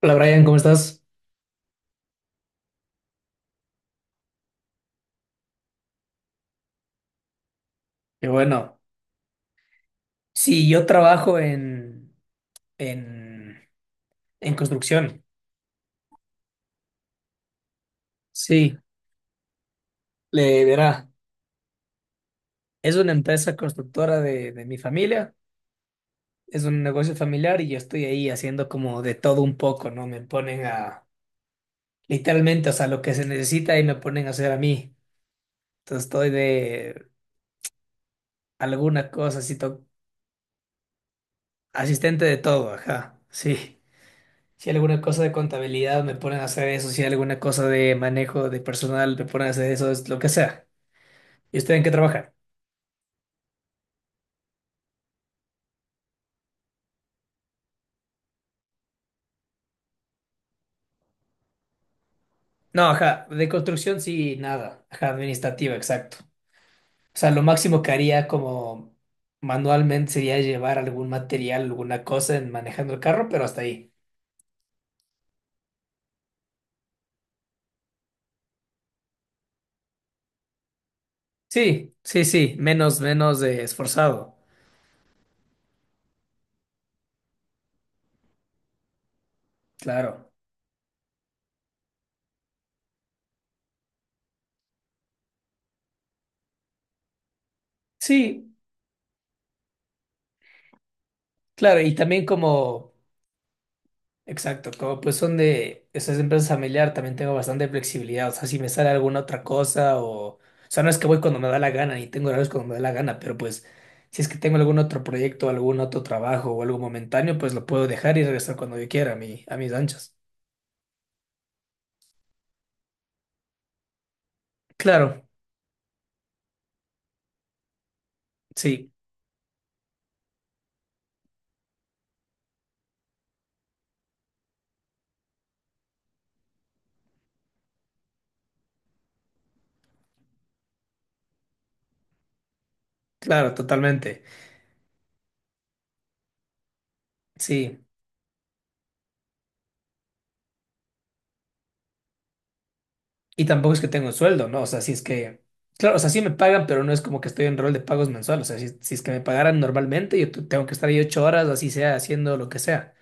Hola Brian, ¿cómo estás? Qué bueno. Sí, yo trabajo en, en construcción. Sí, le verá. Es una empresa constructora de mi familia, es un negocio familiar y yo estoy ahí haciendo como de todo un poco, ¿no? Me ponen a, literalmente, o sea, lo que se necesita y me ponen a hacer a mí. Entonces estoy de alguna cosa, así asistente de todo, ajá, sí. Si hay alguna cosa de contabilidad me ponen a hacer eso, si hay alguna cosa de manejo de personal me ponen a hacer eso, es lo que sea. ¿Y usted en qué trabaja? No, ajá, de construcción sí, nada. Ajá, administrativa, exacto. O sea, lo máximo que haría como manualmente sería llevar algún material, alguna cosa en manejando el carro, pero hasta ahí. Sí, sí, sí, menos, menos esforzado. Claro. Sí, claro, y también como... Exacto, como pues son de esas empresas familiar, también tengo bastante flexibilidad. O sea, si me sale alguna otra cosa o... O sea, no es que voy cuando me da la gana y tengo horarios cuando me da la gana, pero pues si es que tengo algún otro proyecto, algún otro trabajo o algo momentáneo, pues lo puedo dejar y regresar cuando yo quiera a mi, a mis anchas. Claro, sí, claro, totalmente. Sí, y tampoco es que tengo un sueldo, ¿no? O sea, si es que... Claro, o sea, sí me pagan, pero no es como que estoy en rol de pagos mensuales. O sea, si, si es que me pagaran normalmente, yo tengo que estar ahí 8 horas, así sea, haciendo lo que sea.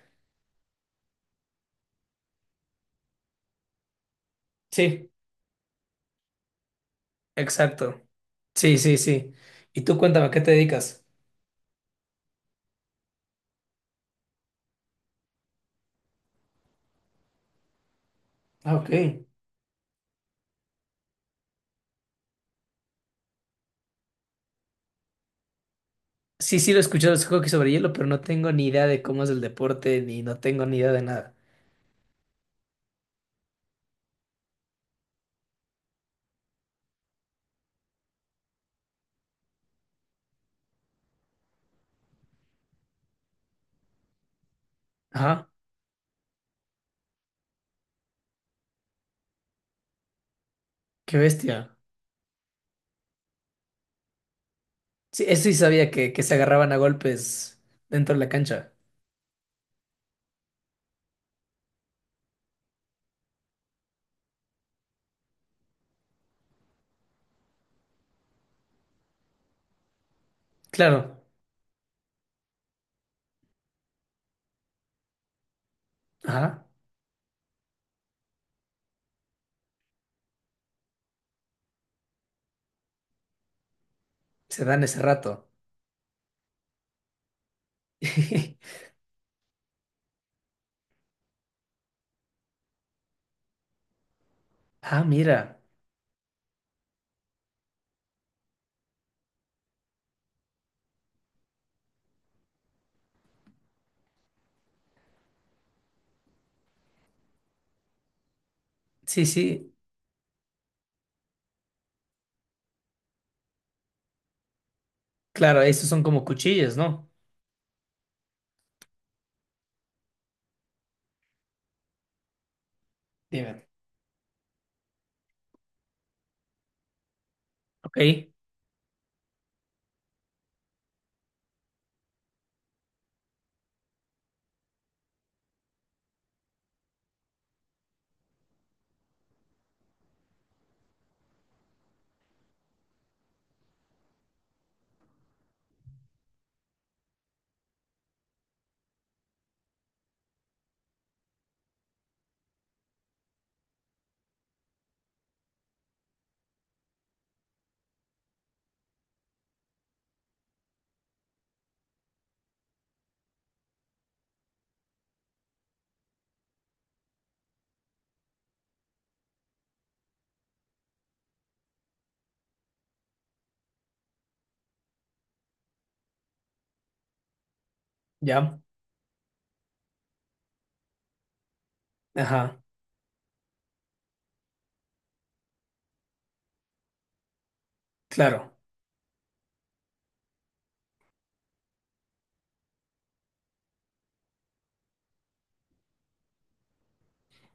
Sí. Exacto. Sí, sí, sí. Y tú cuéntame, ¿a qué te dedicas? Ah, ok. Sí, sí, lo he escuchado, es hockey sobre hielo, pero no tengo ni idea de cómo es el deporte, ni no tengo ni idea de nada. Ajá, qué bestia. Sí, eso sí sabía que se agarraban a golpes dentro de la cancha. Claro, ajá, se dan ese rato. Ah, mira, sí, sí, claro, esos son como cuchillas, ¿no? Dime. Ok, ya, ajá, claro.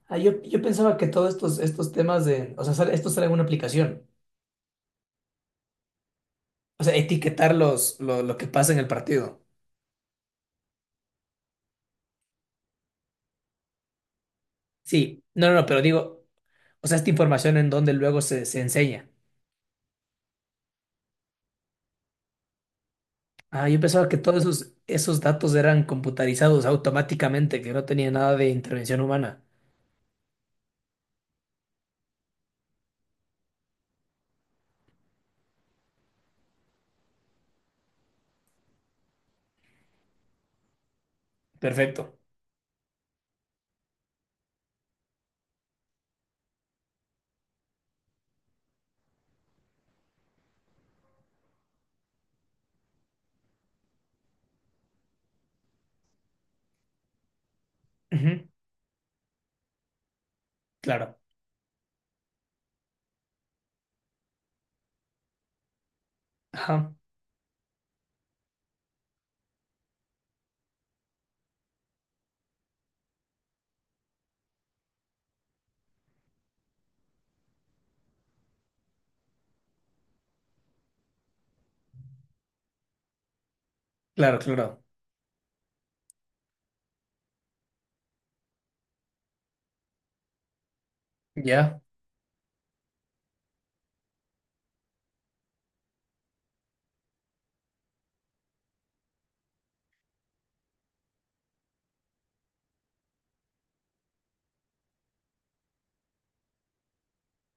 Ah, yo pensaba que todos estos, estos temas de, o sea, esto sale en una aplicación. O sea, etiquetar los, lo que pasa en el partido. Sí, no, no, no, pero digo, o sea, esta información en donde luego se, se enseña. Ah, yo pensaba que todos esos, esos datos eran computarizados automáticamente, que no tenía nada de intervención humana. Perfecto. Ujú. Claro. Ajá. Claro, claro. Ya,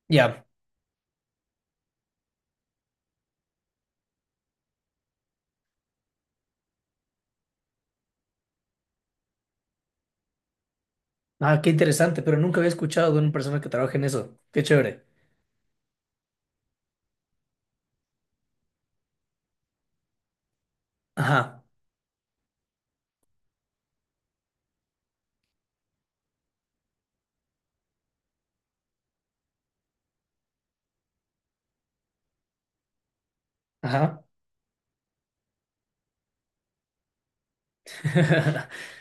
ya. Ah, qué interesante, pero nunca había escuchado de una persona que trabaje en eso. Qué chévere. Ajá, ajá.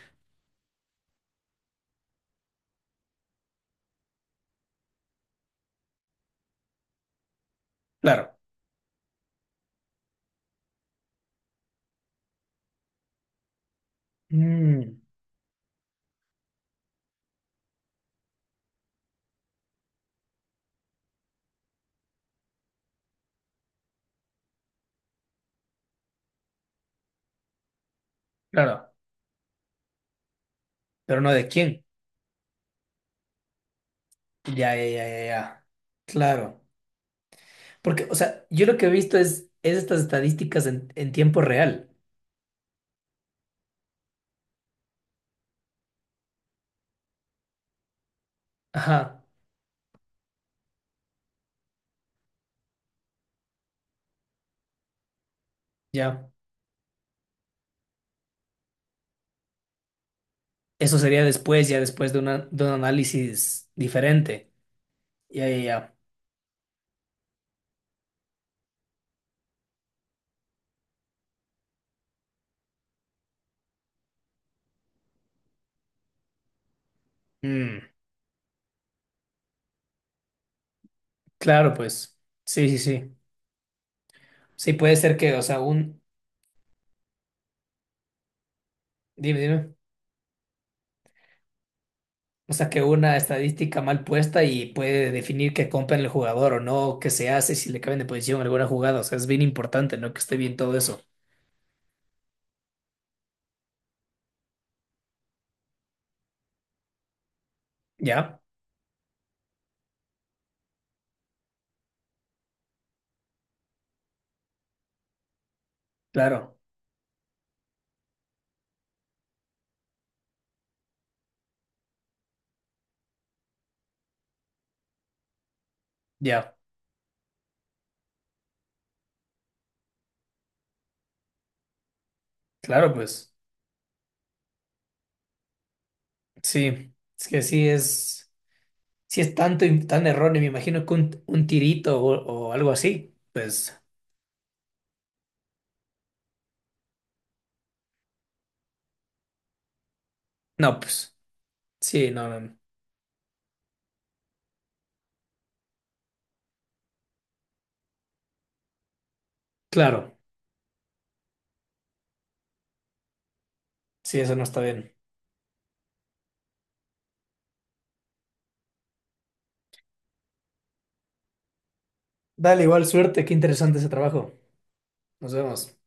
Claro. Mm, claro. Pero no de quién. Ya, ya, ya, ya, ya. Claro. Porque, o sea, yo lo que he visto es estas estadísticas en tiempo real. Ajá, ya. Eso sería después, ya después de, una, de un análisis diferente. Ya, ya, ya. Mm, claro, pues. Sí, sí, sí. Sí, puede ser que, o sea, un... Dime, dime. O sea, que una estadística mal puesta y puede definir que compran el jugador o no, qué se hace, si le cambian de posición alguna jugada. O sea, es bien importante, ¿no? Que esté bien todo eso. Ya, claro, ya. Claro, pues. Sí. Es que sí es. Si es tanto y tan erróneo, me imagino que un tirito o algo así. Pues, no, pues, sí, no, no, no. Claro, sí, eso no está bien. Dale, igual suerte, qué interesante ese trabajo. Nos vemos.